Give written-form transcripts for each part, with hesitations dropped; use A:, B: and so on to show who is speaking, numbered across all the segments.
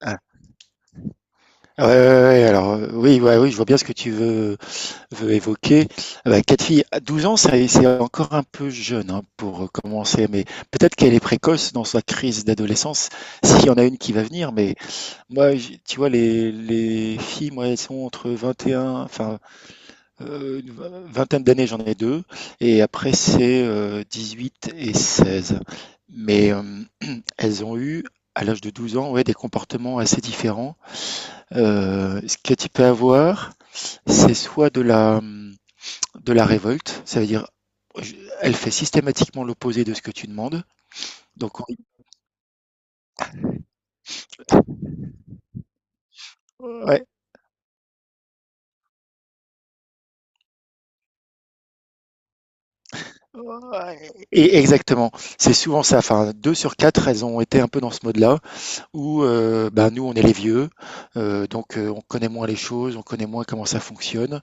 A: Ah. Ouais, ouais, ouais, ouais, alors, oui, ouais, oui, je vois bien ce que tu veux évoquer. Ah bah, 4 filles à 12 ans, c'est encore un peu jeune, hein, pour, commencer, mais peut-être qu'elle est précoce dans sa crise d'adolescence, s'il y en a une qui va venir, mais moi, j'ai tu vois, les filles, moi, elles sont entre 21, enfin, une vingtaine d'années, j'en ai 2, et après c'est, 18 et 16. Mais, elles ont eu, à l'âge de 12 ans, ouais, des comportements assez différents. Ce que tu peux avoir, c'est soit de la révolte, ça veut dire elle fait systématiquement l'opposé de ce que tu demandes, donc oui. Ouais, ouais et exactement. C'est souvent ça, enfin 2 sur 4, elles ont été un peu dans ce mode-là où, bah, nous on est les vieux, donc on connaît moins les choses, on connaît moins comment ça fonctionne,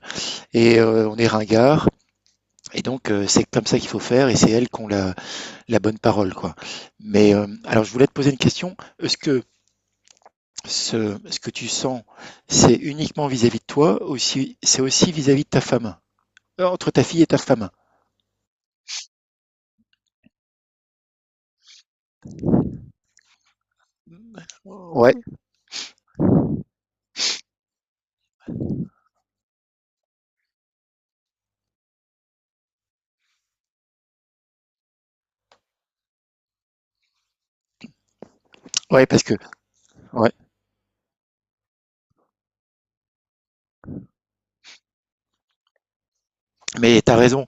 A: et on est ringards, et donc c'est comme ça qu'il faut faire et c'est elles qui ont la bonne parole, quoi. Mais, alors je voulais te poser une question. Est-ce que ce que tu sens, c'est uniquement vis-à-vis de toi, aussi, c'est aussi vis-à-vis de ta femme, entre ta fille et ta femme? Ouais, ouais, parce que, ouais, mais t'as raison,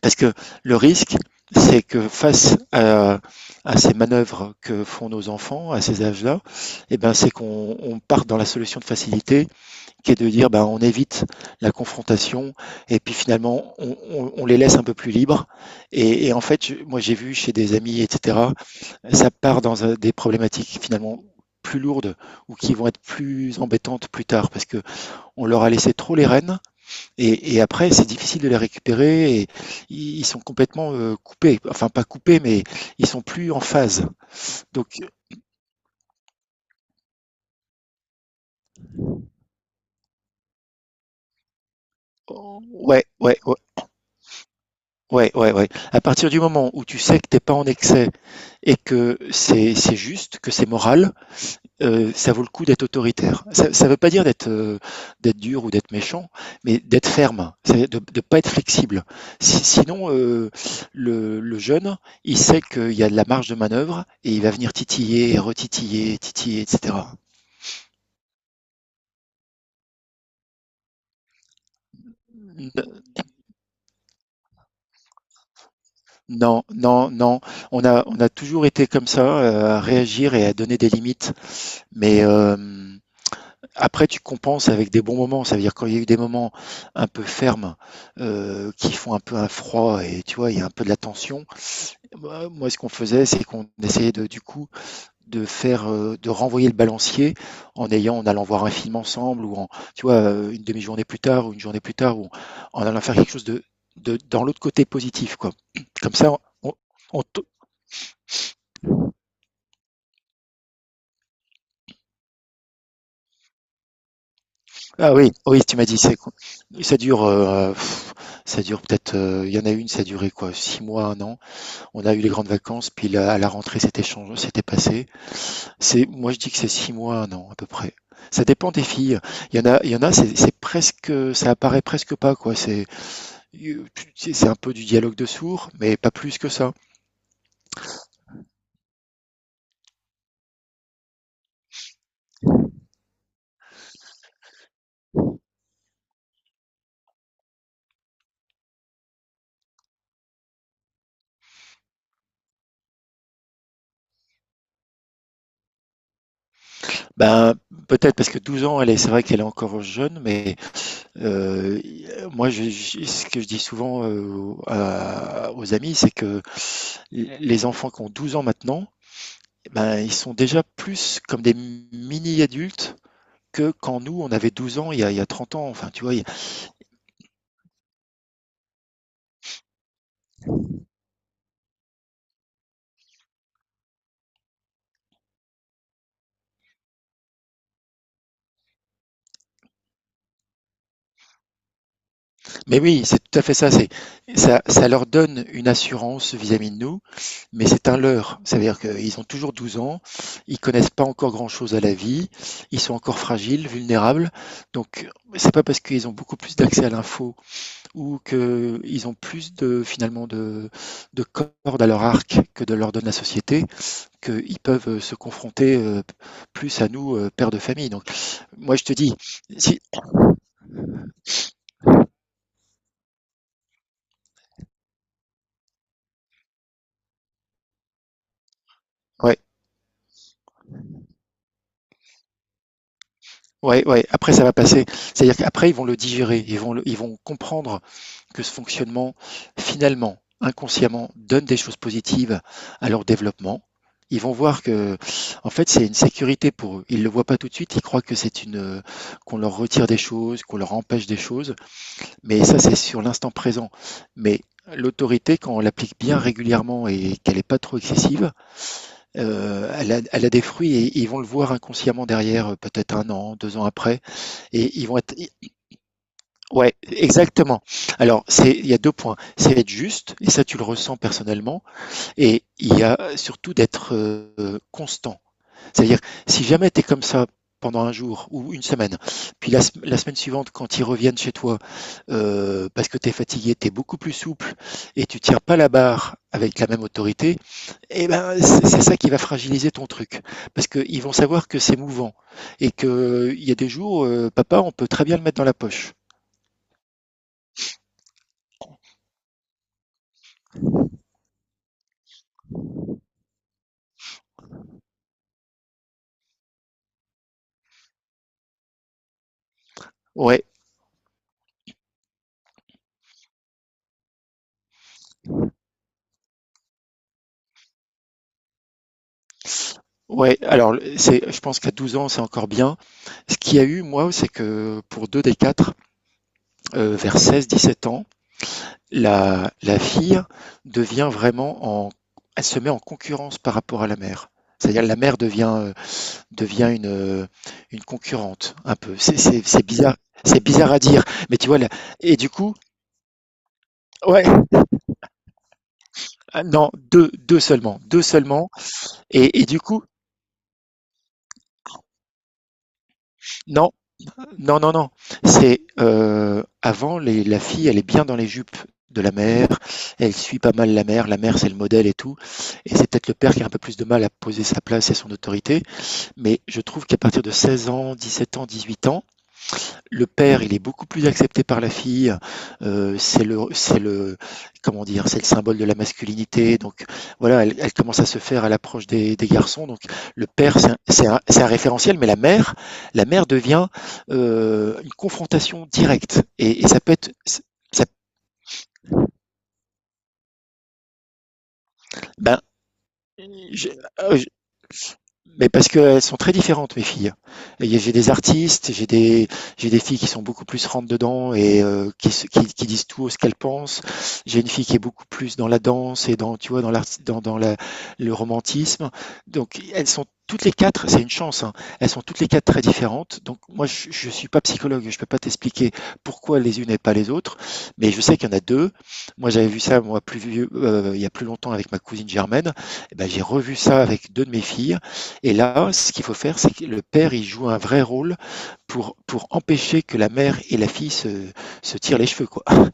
A: parce que le risque, c'est que face à ces manœuvres que font nos enfants à ces âges-là, eh ben, c'est qu'on on part dans la solution de facilité, qui est de dire, ben, on évite la confrontation, et puis finalement, on les laisse un peu plus libres. Et en fait, moi, j'ai vu chez des amis, etc., ça part dans des problématiques finalement plus lourdes ou qui vont être plus embêtantes plus tard parce que on leur a laissé trop les rênes, et après c'est difficile de les récupérer et ils sont complètement coupés, enfin pas coupés mais ils sont plus en phase. Donc oh, ouais, ouais, ouais. Ouais, ouais, ouais. À partir du moment où tu sais que t'es pas en excès et que c'est juste, que c'est moral, ça vaut le coup d'être autoritaire. Ça ne veut pas dire d'être dur ou d'être méchant, mais d'être ferme, de ne pas être flexible. Sinon, le jeune, il sait qu'il y a de la marge de manœuvre et il va venir titiller, retitiller, titiller, etc. N- Non, non, non. On a toujours été comme ça, à réagir et à donner des limites. Mais après, tu compenses avec des bons moments. Ça veut dire quand il y a eu des moments un peu fermes, qui font un peu un froid et tu vois, il y a un peu de la tension. Bah, moi, ce qu'on faisait, c'est qu'on essayait de du coup, de faire, de renvoyer le balancier en ayant en allant voir un film ensemble ou en tu vois, une demi-journée plus tard ou une journée plus tard ou en allant faire quelque chose de dans l'autre côté positif, quoi. Comme ça, on on te ah oui, oui, tu m'as dit, c'est. Ça dure, heu, ça dure peut-être, il y en a une, ça a duré quoi? Six mois, un an. On a eu les grandes vacances, puis à la rentrée, c'était changé, c'était passé. C'est, moi, je dis que c'est six mois, un an, à peu près. Ça dépend des filles. Il y en a, c'est presque, ça apparaît presque pas, quoi. C'est, tu sais, c'est un peu du dialogue de sourds, mais pas plus que ça. Ben, peut-être parce que 12 ans, elle est, c'est vrai qu'elle est encore jeune, mais euh, moi, ce que je dis souvent aux amis, c'est que les enfants qui ont 12 ans maintenant, ben, ils sont déjà plus comme des mini-adultes que quand nous, on avait 12 ans, il y a 30 ans, enfin, tu vois. Mais oui, c'est tout à fait ça. C'est, ça leur donne une assurance vis-à-vis de nous, mais c'est un leurre. C'est-à-dire qu'ils ont toujours 12 ans, ils connaissent pas encore grand-chose à la vie, ils sont encore fragiles, vulnérables. Donc, c'est pas parce qu'ils ont beaucoup plus d'accès à l'info ou qu'ils ont plus de, finalement, de cordes à leur arc que de leur donne la société qu'ils peuvent se confronter plus à nous, pères de famille. Donc, moi, je te dis, si, ouais. Ouais, ouais, après ça va passer. C'est-à-dire qu'après, ils vont le digérer, ils vont ils vont comprendre que ce fonctionnement, finalement, inconsciemment, donne des choses positives à leur développement. Ils vont voir que, en fait, c'est une sécurité pour eux. Ils le voient pas tout de suite, ils croient que c'est une, qu'on leur retire des choses, qu'on leur empêche des choses, mais ça, c'est sur l'instant présent. Mais l'autorité, quand on l'applique bien régulièrement et qu'elle n'est pas trop excessive, elle a des fruits et ils vont le voir inconsciemment derrière, peut-être un an, deux ans après. Et ils vont être. Ouais, exactement. Alors, c'est, il y a deux points. C'est être juste, et ça tu le ressens personnellement, et il y a surtout d'être constant. C'est-à-dire, si jamais tu es comme ça pendant un jour ou une semaine. Puis la semaine suivante, quand ils reviennent chez toi, parce que tu es fatigué, tu es beaucoup plus souple et tu tiens pas la barre avec la même autorité, eh ben c'est ça qui va fragiliser ton truc. Parce qu'ils vont savoir que c'est mouvant et qu'il y a des jours, papa, on peut très bien le mettre dans la poche. Ouais, ouais. Alors, c'est, je pense qu'à 12 ans, c'est encore bien. Ce qu'il y a eu, moi, c'est que pour deux des quatre, vers 16-17 ans, la fille devient vraiment en, elle se met en concurrence par rapport à la mère. C'est-à-dire la mère devient une concurrente, un peu. C'est c'est bizarre à dire, mais tu vois, là, et du coup, ouais, ah, non, deux, deux seulement, et du coup, non, Non, non, non. C'est avant, la fille, elle est bien dans les jupes de la mère. Elle suit pas mal la mère. La mère, c'est le modèle et tout. Et c'est peut-être le père qui a un peu plus de mal à poser sa place et son autorité. Mais je trouve qu'à partir de 16 ans, 17 ans, 18 ans, le père, il est beaucoup plus accepté par la fille. C'est le, comment dire, c'est le symbole de la masculinité. Donc voilà, elle commence à se faire à l'approche des garçons. Donc le père, c'est un référentiel, mais la mère devient une confrontation directe. Et ça peut être, ça, ben, je- euh, mais parce qu'elles sont très différentes, mes filles. Et j'ai des artistes, j'ai des filles qui sont beaucoup plus rentre dedans et qui disent tout ce qu'elles pensent. J'ai une fille qui est beaucoup plus dans la danse et dans, tu vois, dans l'art, le romantisme. Donc, elles sont toutes les quatre, c'est une chance, hein, elles sont toutes les quatre très différentes. Donc, moi, je suis pas psychologue, je peux pas t'expliquer pourquoi les unes et pas les autres, mais je sais qu'il y en a deux. Moi, j'avais vu ça, moi, plus vieux, il y a plus longtemps avec ma cousine Germaine. Eh ben, j'ai revu ça avec deux de mes filles. Et là, ce qu'il faut faire, c'est que le père, il joue un vrai rôle pour empêcher que la mère et la fille se tirent les cheveux, quoi.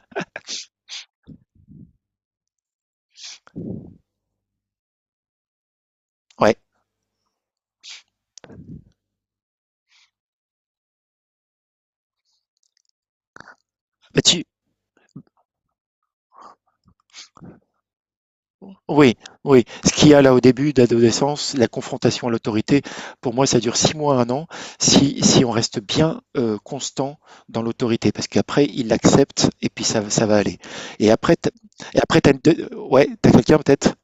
A: Ouais. Bah, oui, oui. Ce qu'il y a là au début d'adolescence, la confrontation à l'autorité, pour moi, ça dure six mois, un an, si on reste bien constant dans l'autorité, parce qu'après, il l'accepte et puis ça va aller. Et après, t'as une ouais, t'as quelqu'un peut-être?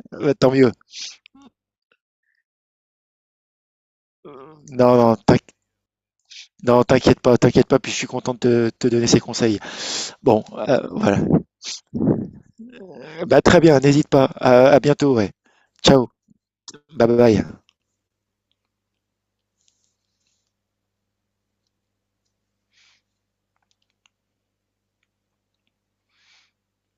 A: tant mieux. Non, non, non, t'inquiète pas, puis je suis content de te donner ces conseils. Bon, voilà. Bah, très bien, n'hésite pas. À bientôt, ouais. Ciao, bye bye.